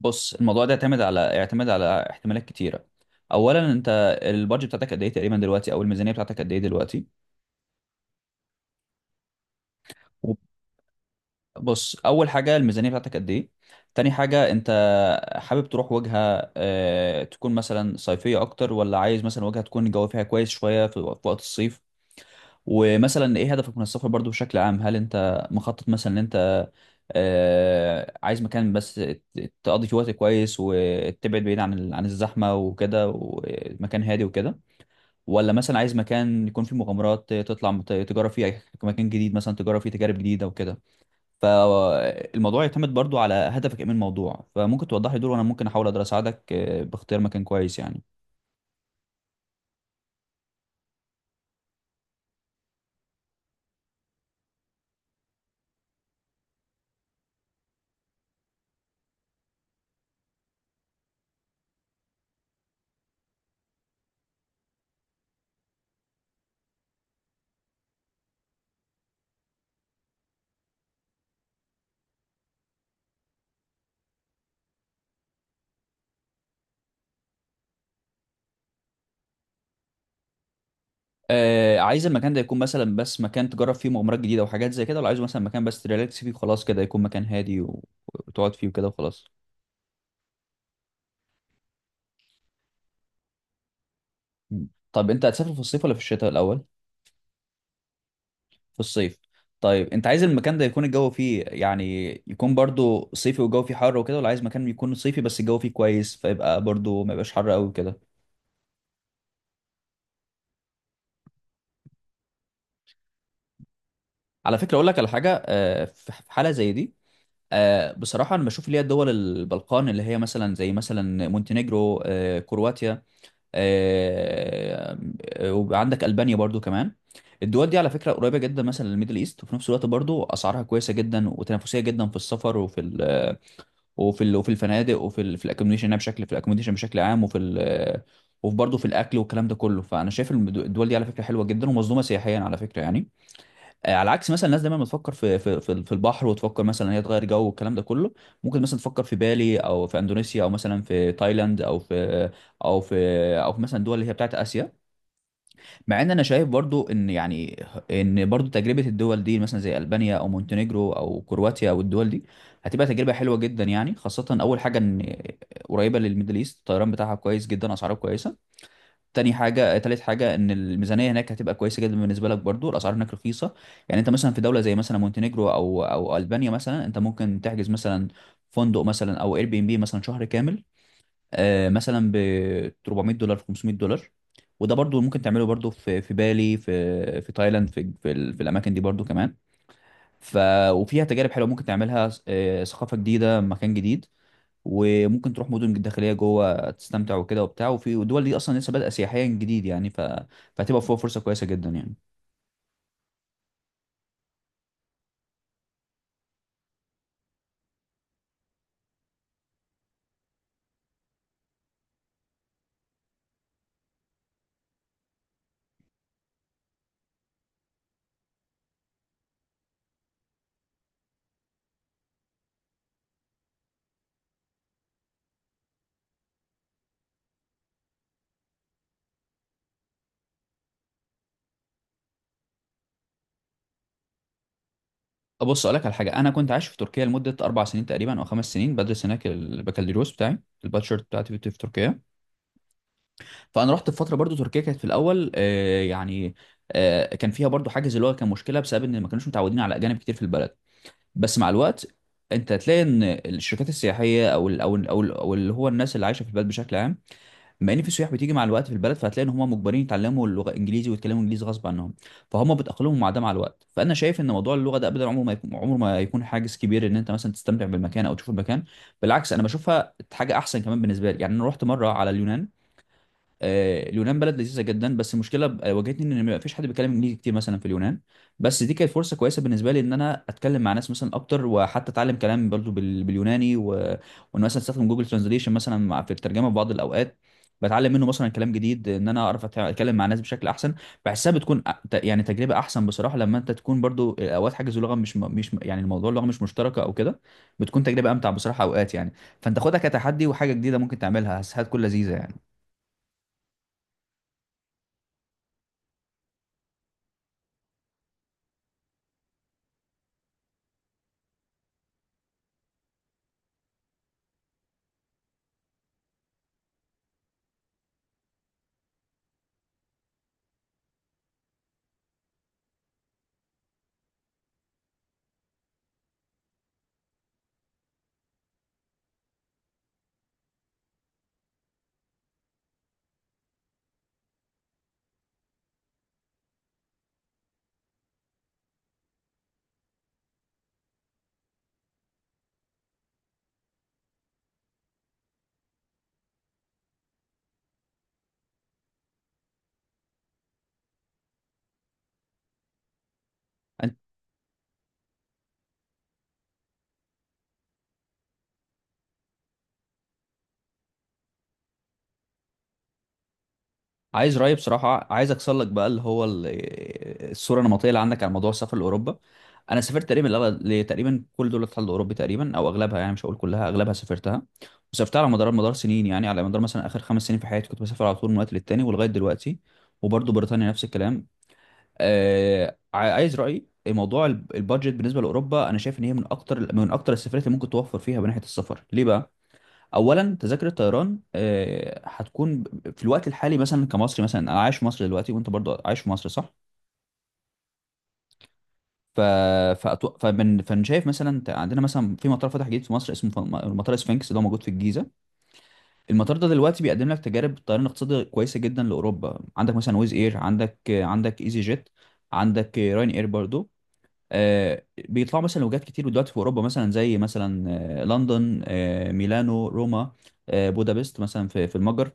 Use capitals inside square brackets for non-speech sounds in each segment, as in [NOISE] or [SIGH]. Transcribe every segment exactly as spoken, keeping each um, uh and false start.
بص، الموضوع ده يعتمد على يعتمد على احتمالات كتيره. اولا انت البادجت بتاعتك قد ايه تقريبا دلوقتي، او الميزانيه بتاعتك قد ايه دلوقتي؟ بص، اول حاجه الميزانيه بتاعتك قد ايه. تاني حاجه، انت حابب تروح وجهه آه، تكون مثلا صيفيه اكتر، ولا عايز مثلا وجهه تكون الجو فيها كويس شويه في في وقت الصيف؟ ومثلا ايه هدفك من السفر برضو بشكل عام؟ هل انت مخطط مثلا ان انت آه، عايز مكان بس ت- تقضي فيه وقت كويس وتبعد بعيد عن ال- عن الزحمة وكده، ومكان هادي وكده؟ ولا مثلا عايز مكان يكون فيه مغامرات تطلع مت- تجرب فيه أي- مكان جديد مثلا، تجرب فيه تجارب جديدة وكده؟ فالموضوع يعتمد برضو على هدفك ايه من الموضوع، فممكن توضح لي دول وانا ممكن احاول اقدر اساعدك آه، باختيار مكان كويس يعني. آه، عايز المكان ده يكون مثلا بس مكان تجرب فيه مغامرات جديدة وحاجات زي كده، ولا عايزه مثلا مكان بس تريلاكس فيه وخلاص كده، يكون مكان هادي و- وتقعد فيه وكده وخلاص؟ طب انت هتسافر في الصيف ولا في الشتاء الأول؟ في الصيف. طيب انت عايز المكان ده يكون الجو فيه يعني يكون برضو صيفي والجو فيه حر وكده، ولا عايز مكان يكون صيفي بس الجو فيه كويس فيبقى برضو ما يبقاش حر قوي وكده؟ على فكرة اقول لك على حاجة آه، في في حالة زي دي، آه، بصراحة أنا بشوف اللي هي دول البلقان، اللي هي مثلا زي مثلا مونتينيجرو، آه، كرواتيا، آه، آه، وعندك ألبانيا برضو كمان. الدول دي على فكرة قريبة جدا مثلا للميدل ايست، وفي نفس الوقت برضو اسعارها كويسة جدا وتنافسية جدا في السفر، وفي ال وفي ال وفي الفنادق، وفي ال في الاكوموديشن بشكل في الاكوموديشن بشكل عام، وفي ال وفي برضه في الاكل والكلام ده كله. فانا شايف المد- الدول دي على فكرة حلوة جدا ومظلومة سياحيا على فكرة يعني. آه، على عكس مثلا الناس دايما بتفكر في في في في البحر وتفكر مثلا هي تغير جو والكلام ده كله، ممكن مثلا تفكر في بالي او في اندونيسيا او مثلا في تايلاند او في او في او في مثلا الدول اللي هي بتاعت اسيا. مع ان انا شايف برضو ان يعني ان برضو تجربه الدول دي مثلا زي البانيا او مونتينيجرو او كرواتيا او الدول دي هتبقى تجربه حلوه جدا يعني. خاصه اول حاجه ان قريبه للميدل ايست، الطيران بتاعها كويس جدا، اسعاره كويسه. تاني حاجة تالت حاجة، إن الميزانية هناك هتبقى كويسة جدا بالنسبة لك، برضو الأسعار هناك رخيصة. يعني أنت مثلا في دولة زي مثلا مونتينيجرو أو أو ألبانيا مثلا، أنت ممكن تحجز مثلا فندق مثلا أو اير بي ام بي مثلا شهر كامل آه، مثلا ب اربعمية دولار، خمسمية دولار. وده برضو ممكن تعمله برضو في في بالي، في في تايلاند، في في, ال- في الأماكن دي برضو كمان. ف وفيها تجارب حلوة ممكن تعملها، آه، ثقافة جديدة، مكان جديد. وممكن تروح مدن داخليه جوه تستمتع وكده وبتاع، وفي دول دي اصلا لسه بادئه سياحيا جديد يعني، ف... فهتبقى فيها فرصه كويسه جدا يعني. بص اقول لك على حاجه، انا كنت عايش في تركيا لمده اربع سنين تقريبا او خمس سنين، بدرس هناك البكالوريوس بتاعي، الباتشر بتاعتي في في تركيا. فانا رحت في فتره برضو تركيا كانت في الاول آه، يعني آه، كان فيها برضو حاجز اللغه، كان مشكله بسبب ان ما كانوش متعودين على اجانب كتير في البلد. بس مع الوقت انت هتلاقي ان الشركات السياحيه او ال او ال او ال- أو اللي هو الناس اللي عايشه في البلد بشكل عام، بما ان في سياح بتيجي مع الوقت في البلد، فهتلاقي ان هم مجبرين يتعلموا اللغه الانجليزي ويتكلموا انجليزي غصب عنهم، فهم بتاقلمهم مع ده مع الوقت. فانا شايف ان موضوع اللغه ده ابدا عمره ما يكون عمره ما يكون حاجز كبير ان انت مثلا تستمتع بالمكان او تشوف المكان. بالعكس انا بشوفها حاجه احسن كمان بالنسبه لي يعني. انا رحت مره على اليونان، آه، اليونان بلد لذيذه جدا، بس المشكله ب- آه، واجهتني ان ما فيش حد بيتكلم انجليزي كتير مثلا في اليونان. بس دي كانت فرصه كويسه بالنسبه لي ان انا اتكلم مع ناس مثلا اكتر، وحتى اتعلم كلام برضو بال- باليوناني و... وان مثلا استخدم جوجل ترانزليشن مثلا مع- في الترجمه في بعض الاوقات، بتعلم منه مثلا كلام جديد، ان انا اعرف أت- اتكلم مع ناس بشكل احسن. بحسها بتكون أ- ت- يعني تجربه احسن بصراحه لما انت تكون برضو آه، اوقات حاجز لغه مش م- مش م- يعني الموضوع اللغه مش مشتركه او كده، بتكون تجربه امتع بصراحه اوقات يعني. فانت خدها كتحدي وحاجه جديده ممكن تعملها، هتكون لذيذه يعني. عايز رأيي بصراحة؟ عايز أكسر لك بقى اللي هو ال- الصورة النمطية اللي عندك عن موضوع السفر لأوروبا. أنا سافرت تقريبا لأغ- لتقريبا كل دول الاتحاد الأوروبي تقريبا أو أغلبها، يعني مش هقول كلها، أغلبها سافرتها. وسافرتها على مدار مدار سنين، يعني على مدار مثلا آخر خمس سنين في حياتي كنت بسافر على طول من وقت للتاني ولغاية دلوقتي، وبرضه بريطانيا نفس الكلام. آه، ع- عايز رأيي، موضوع الب- البادجت بالنسبة لأوروبا، أنا شايف إن هي من أكتر من أكتر السفرات اللي ممكن توفر فيها من ناحية السفر. ليه بقى؟ اولا تذاكر الطيران آه، هتكون ب- في الوقت الحالي، مثلا كمصري، مثلا انا عايش في مصر دلوقتي وانت برضو عايش في مصر، صح؟ ف فأتو... فمن... فأنا شايف مثلا ت- عندنا مثلا في مطار فتح جديد في مصر اسمه ف- مطار اسفنكس، ده موجود في الجيزه. المطار ده دلوقتي بيقدم لك تجارب طيران اقتصادي كويسه جدا لاوروبا. عندك مثلا ويز اير، عندك عندك ايزي جيت، عندك راين اير برضو. آه، بيطلعوا مثلا وجهات كتير دلوقتي في اوروبا مثلا زي مثلا آه، لندن، آه، ميلانو، روما، آه، بودابست مثلا في في المجر.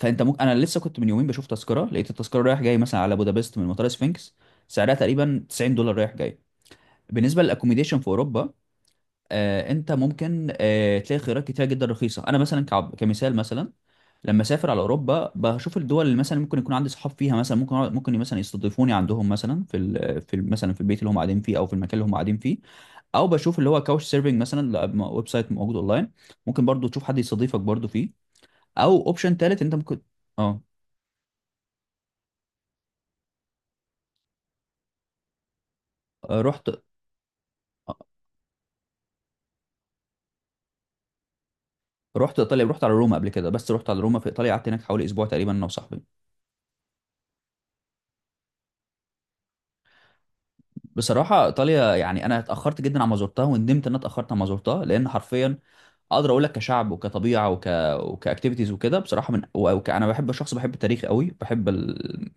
فانت ممكن، انا لسه كنت من يومين بشوف تذكره، لقيت التذكره رايح جاي مثلا على بودابست من مطار سفنكس سعرها تقريبا تسعين دولار رايح جاي. بالنسبه للاكوميديشن في اوروبا، آه، انت ممكن آه تلاقي خيارات كتيره جدا رخيصه. انا مثلا كعب كمثال مثلا، لما اسافر على اوروبا بشوف الدول اللي مثلا ممكن يكون عندي صحاب فيها، مثلا ممكن أقعد- ممكن مثلا يستضيفوني عندهم مثلا في ال- في ال- مثلا في البيت اللي هم قاعدين فيه او في المكان اللي هم قاعدين فيه. او بشوف اللي هو كاوش سيرفنج مثلا، لا، م- ويب سايت موجود اونلاين، ممكن برضو تشوف حد يستضيفك برضو فيه. او اوبشن تالت انت ممكن. اه، آه، رحت. رحت ايطاليا، رحت على روما قبل كده، بس رحت على روما في ايطاليا، قعدت هناك حوالي اسبوع تقريبا انا وصاحبي. بصراحة إيطاليا يعني أنا اتأخرت جدا على ما زرتها، وندمت إن أنا اتأخرت على ما زرتها، لأن حرفيا أقدر أقول لك كشعب وكطبيعة وك وكأكتيفيتيز وكده بصراحة من و- وك... أنا بحب شخص بحب التاريخ قوي، بحب ال...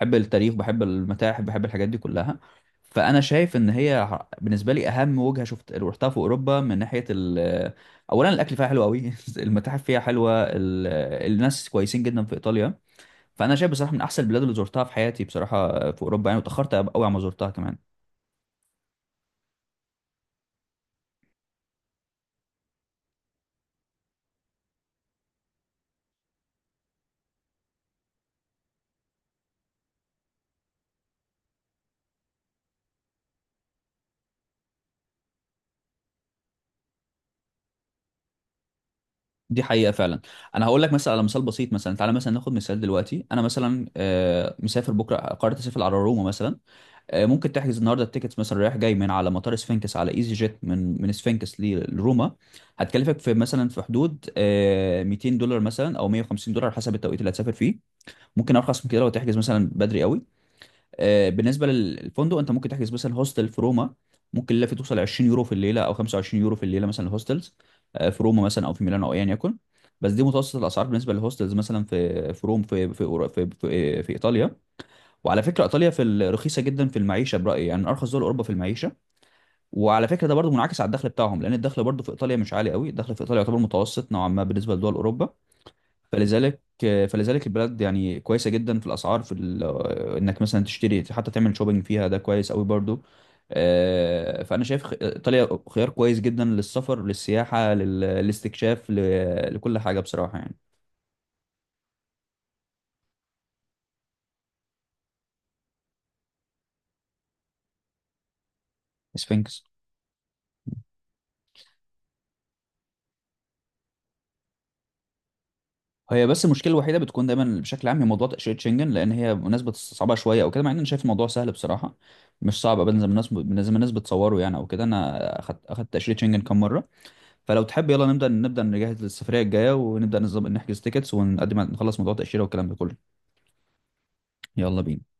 بحب التاريخ، بحب المتاحف، بحب الحاجات دي كلها. فأنا شايف إن هي ح- بالنسبة لي أهم وجهة شفت رحتها في أوروبا، من ناحية ال... أولا الأكل فيها حلو قوي [LAUGHS] المتاحف فيها حلوة، ال... الناس كويسين جدا في إيطاليا. فأنا شايف بصراحة من أحسن البلاد اللي زرتها في حياتي بصراحة في أوروبا يعني، واتأخرت قوي على ما زرتها كمان. دي حقيقة فعلا. أنا هقول لك مثلا على مثال بسيط، مثلا تعالى مثلا ناخد مثال دلوقتي، أنا مثلا آه، مسافر بكرة، قررت أسافر على روما مثلا، آه، ممكن تحجز النهاردة التيكتس مثلا رايح جاي من على مطار سفنكس على إيزي جيت من من سفنكس ل- لروما، هتكلفك في مثلا في حدود آه، مئتين دولار مثلا أو مئة وخمسين دولار حسب التوقيت اللي هتسافر فيه. ممكن أرخص من كده لو تحجز مثلا بدري قوي. آه، بالنسبه للفندق، انت ممكن تحجز مثلا هوستل في روما، ممكن الليله فيه توصل عشرين يورو في الليله او خمسة وعشرين يورو في الليله مثلا الهوستلز، آه، في روما مثلا او في ميلانو او ايا يكن. بس دي متوسط الاسعار بالنسبه للهوستلز مثلا في في روم في في أورو- في, في, في ايطاليا. وعلى فكره ايطاليا في ال- رخيصه جدا في المعيشه برايي يعني، من ارخص دول اوروبا في المعيشه. وعلى فكره ده برضو منعكس على الدخل بتاعهم، لان الدخل برضو في ايطاليا مش عالي قوي، الدخل في ايطاليا يعتبر متوسط نوعا ما بالنسبه لدول اوروبا. فلذلك فلذلك البلد يعني كويسه جدا في الاسعار، في ال- انك مثلا تشتري، حتى تعمل شوبينج فيها ده كويس قوي برضو. آه، فانا شايف خ- ايطاليا خيار كويس جدا للسفر، للسياحه، لل- للاستكشاف، ل- لكل حاجه بصراحه يعني. سفنكس. هي بس المشكله الوحيده بتكون دايما بشكل عام هي موضوع تاشيره شنجن، لان هي مناسبه صعبه شويه او كده، مع ان انا شايف الموضوع سهل بصراحه، مش صعب ابدا زي ما الناس زي ما الناس بتصوره يعني او كده، انا اخدت اخدت تاشيره شنجن كام مره. فلو تحب يلا نبدا نبدا نجهز للسفريه الجايه، ونبدا نظبط نحجز تيكتس ونقدم نخلص موضوع التاشيره والكلام ده كله. يلا بينا.